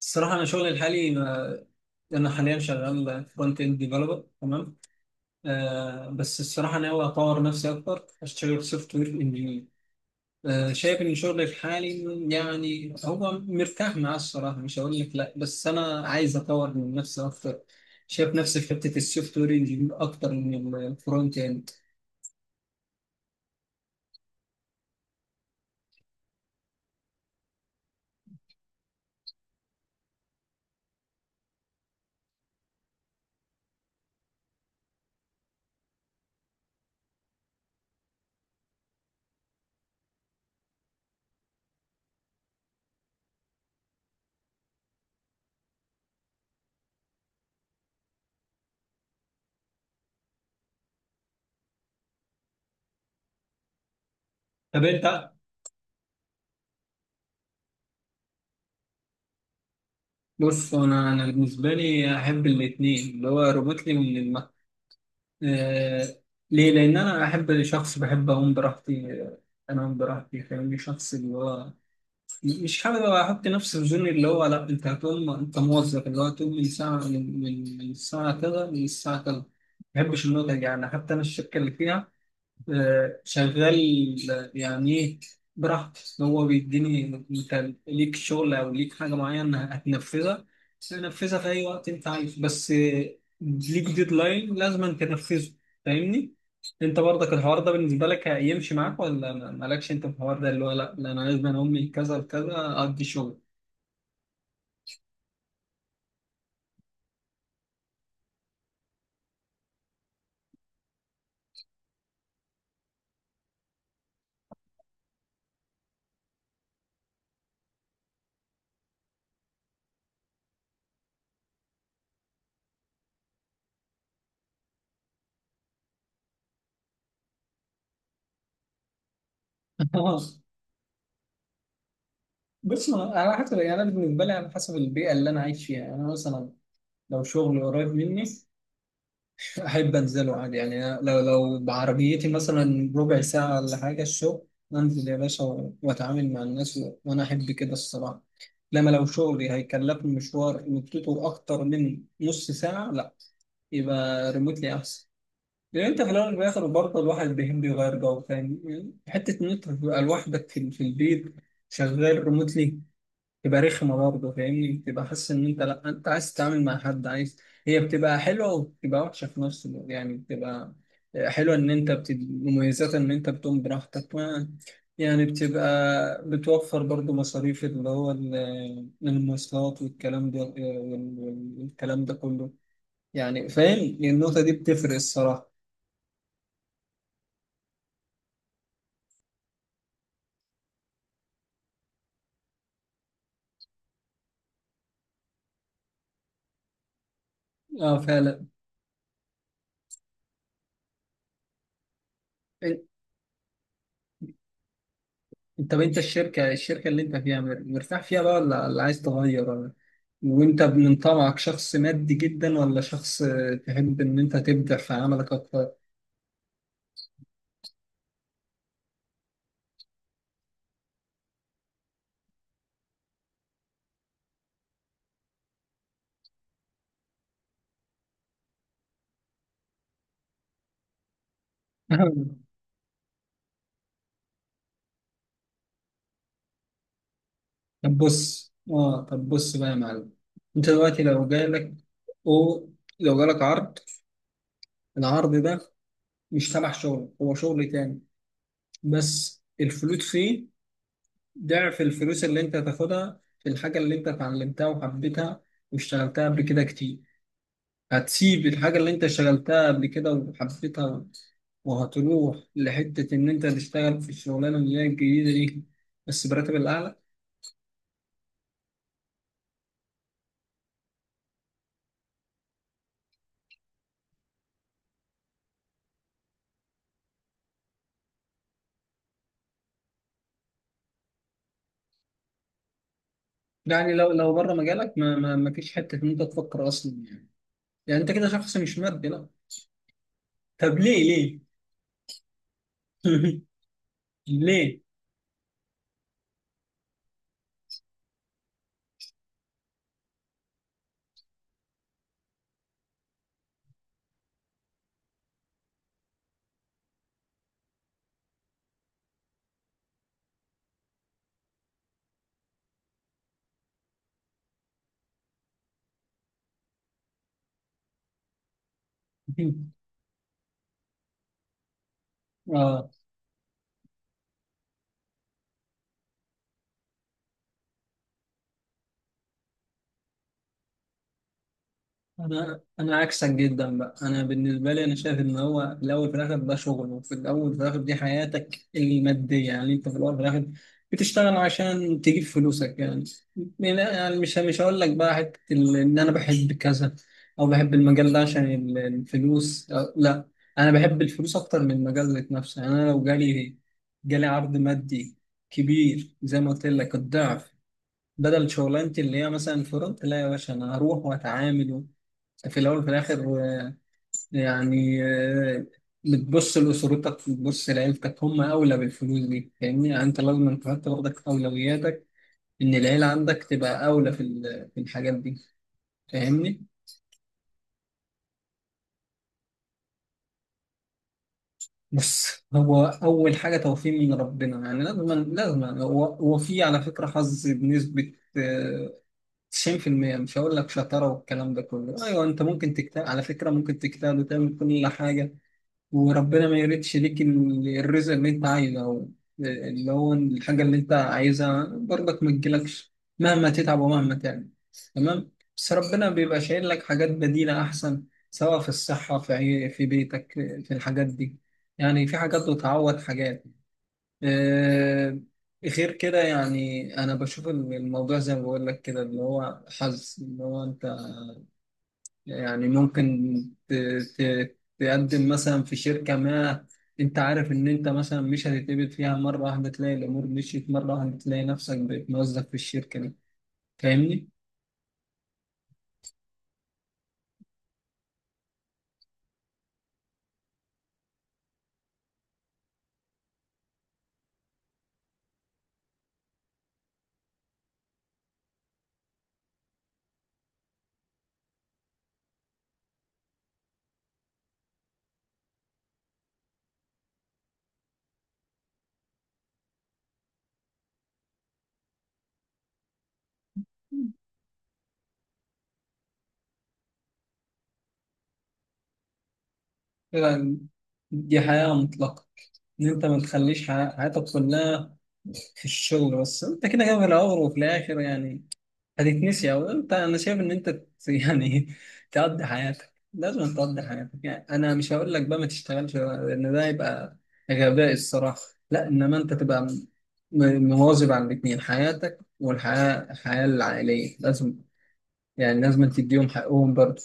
الصراحة أنا شغلي الحالي أنا حاليا شغال فرونت إند ديفلوبر، تمام. بس الصراحة ناوي أطور نفسي أكتر، أشتغل سوفت وير إنجينير. شايف إن شغلي الحالي، يعني هو مرتاح معاه الصراحة، مش هقول لك لأ، بس أنا عايز أطور من نفسي أكتر. شايف نفسي في حتة السوفت وير إنجينير أكتر من الفرونت إند. طب أنت؟ بص، أنا بالنسبة لي أحب الاتنين، اللي هو ربطني من آه، ليه؟ لأن أنا أحب، شخص بحب أقوم براحتي، أنام براحتي، فاهمني، شخص اللي هو مش حابب أحط نفسي في زون، اللي هو لأ أنت هتقوم، أنت موظف اللي هو هتقوم من ساعة، من الساعة كذا للساعة كذا. ما بحبش النقطة دي، يعني حتى أنا الشركة اللي فيها شغال، يعني ايه، براحتي، إن هو بيديني انت ليك شغل او ليك حاجه معينه هتنفذها، تنفذها في اي وقت انت عايز، بس ليك ديدلاين لازم أن تنفذه، فاهمني. انت برضك الحوار ده بالنسبه لك هيمشي معاك، ولا مالكش انت في الحوار ده، اللي هو لا لا انا لازم أنا امي كذا وكذا ادي شغل؟ بص، على حسب، يعني انا بالنسبه لي على حسب البيئه اللي انا عايش فيها. يعني انا مثلا لو شغل قريب مني أحب أنزله عادي. يعني أنا لو بعربيتي مثلا ربع ساعة ولا حاجة الشغل، أنزل يا باشا وأتعامل مع الناس، وأنا أحب كده الصراحة. لما لو شغلي هيكلفني مشوار مدته أكتر من نص ساعة، لأ، يبقى ريموتلي أحسن. لأن أنت في الأول والآخر برضه الواحد بيحب يغير جو، فاهم يعني، حتة إن أنت تبقى لوحدك في البيت شغال ريموتلي، تبقى رخمة برضه، فاهمني. بتبقى حاسس إن أنت لأ، أنت عايز تتعامل مع حد، عايز. هي بتبقى حلوة وبتبقى وحشة في نفس الوقت، يعني بتبقى حلوة إن أنت مميزاتها إن أنت بتقوم براحتك، ما يعني بتبقى بتوفر برضه مصاريف، اللي هو المواصلات والكلام ده، والكلام ده كله، يعني فاهم، النقطة دي بتفرق الصراحة. اه فعلا. طب انت الشركة، اللي انت فيها مرتاح فيها بقى، ولا عايز تغير، ولا وانت من طبعك شخص مادي جدا، ولا شخص تحب ان انت تبدع في عملك اكتر؟ طب بص، اه، طب بص بقى يا معلم. انت دلوقتي لو جالك، او لو جالك عرض، العرض ده مش تبع شغل، هو شغل تاني، بس الفلوس فيه ضعف الفلوس اللي انت هتاخدها في الحاجة اللي انت اتعلمتها وحبيتها واشتغلتها قبل كده كتير. هتسيب الحاجة اللي انت اشتغلتها قبل كده وحبيتها، وهتروح لحتة إن أنت تشتغل في الشغلانة اللي هي الجديدة دي، بس براتب الأعلى؟ يعني لو بره مجالك، ما فيش حتة إن أنت تفكر أصلا، يعني يعني أنت كده شخص مش مادي؟ لا. طب ليه؟ ليه؟ ليه؟ آه. انا عكسك جدا بقى. انا بالنسبه لي انا شايف ان هو في الاول في الاخر ده شغل، وفي الاول في الاخر دي حياتك الماديه، يعني انت في الاول في الاخر بتشتغل عشان تجيب فلوسك. يعني يعني مش هقول لك بقى، حته ان انا بحب كذا او بحب المجال ده عشان الفلوس، أو لا، انا بحب الفلوس اكتر من المجال ذات نفسه. يعني انا لو جالي عرض مادي كبير زي ما قلت لك الضعف، بدل شغلانتي اللي هي مثلا فرونت، لا يا باشا، انا هروح واتعامل. في الأول وفي الآخر، يعني، بتبص لأسرتك، بتبص لعيلتك، هم أولى بالفلوس دي، فاهمني. يعني أنت لازم تحط برضك أولوياتك، إن العيلة عندك تبقى أولى في في الحاجات دي، فاهمني. بص، هو أول حاجة توفيق من ربنا. يعني لازم، هو، في على فكرة حظ بنسبة 90%. مش هقول لك شطارة والكلام ده كله. أيوه أنت ممكن تجتهد، على فكرة ممكن تجتهد وتعمل كل حاجة، وربنا ما يريدش ليك الرزق اللي انت عايزه، او اللي هو الحاجة اللي انت عايزها برضك ما تجيلكش، مهما تتعب ومهما تعمل. تمام. بس ربنا بيبقى شايل لك حاجات بديلة احسن، سواء في الصحة، في في بيتك، في الحاجات دي، يعني في حاجات بتعوض حاجات. آه، غير كده. يعني انا بشوف الموضوع زي ما بقول لك كده، اللي هو حظ، اللي هو انت يعني ممكن ت... ت... تقدم مثلا في شركة ما، انت عارف ان انت مثلا مش هتتقبل فيها، مرة واحدة تلاقي الامور مشيت، مرة واحدة تلاقي نفسك بقيت موظف في الشركة دي. فاهمني؟ يعني دي حياة مطلقة، ان انت ما تخليش حياتك كلها في الشغل بس. انت كده كده في الاول وفي الاخر، يعني هتتنسي، او انت انا شايف ان انت يعني تقضي حياتك، لازم تقضي حياتك. يعني انا مش هقول لك بقى ما تشتغلش، لان ده يبقى غباء الصراحه. لا، انما انت تبقى مواظب على الاثنين، حياتك والحياه، العائليه، لازم يعني لازم تديهم حقهم برضه.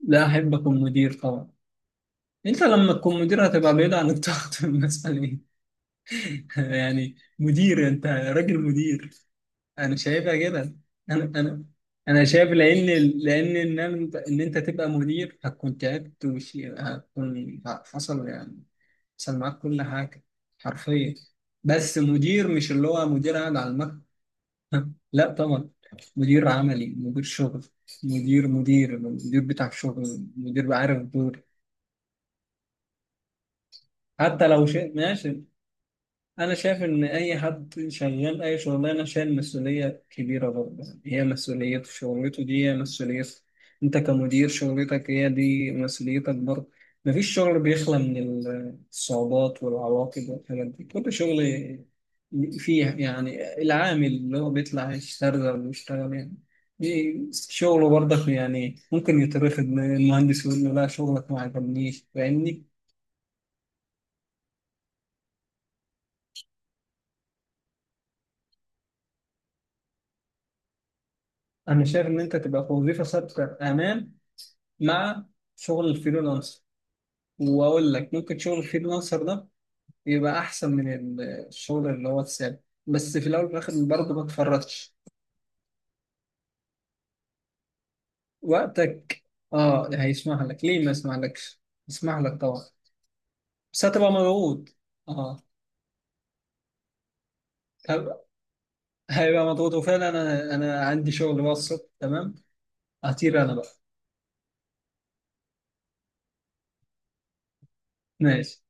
لا، احب اكون مدير طبعا. انت لما تكون مدير هتبقى بعيد عن الضغط والمسؤوليه؟ يعني مدير، انت راجل مدير. انا شايفها كده. انا انا شايف، لان، ان انت، تبقى مدير، هتكون تعبت وش هتكون حصل، يعني حصل معاك كل حاجه حرفيا. بس مدير مش اللي هو مدير قاعد على المكتب لا طبعا. مدير عملي، مدير شغل، مدير مدير مدير بتاع شغل، مدير عارف الدور. حتى لو شيء ماشي. انا شايف ان اي حد شغال اي شغلانه شايل مسؤوليه كبيره برضه. هي مسؤوليته، شغلته دي هي مسؤوليته. انت كمدير شغلتك هي دي مسؤوليتك برضه. مفيش شغل بيخلى من الصعوبات والعواقب والحاجات دي. كل شغل فيه، يعني العامل اللي هو بيطلع يشتغل ويشتغل، يعني شغله برضك، يعني ممكن يترفض من المهندس، يقول له لا شغلك ما عجبنيش. فاهمني. انا شايف ان انت تبقى في وظيفه ثابته امان، مع شغل الفريلانسر. واقول لك ممكن شغل الفريلانسر ده يبقى احسن من الشغل اللي هو الثابت. بس في الاول وفي الاخر برضه ما تفرطش. وقتك اه هيسمح لك، ليه ما يسمح لكش، يسمح لك طبعا. بس هتبقى مضغوط، اه. هب- هيبقى مضغوط وفعلا. انا عندي شغل بقى الصبح. تمام، هطير انا بقى. ماشي.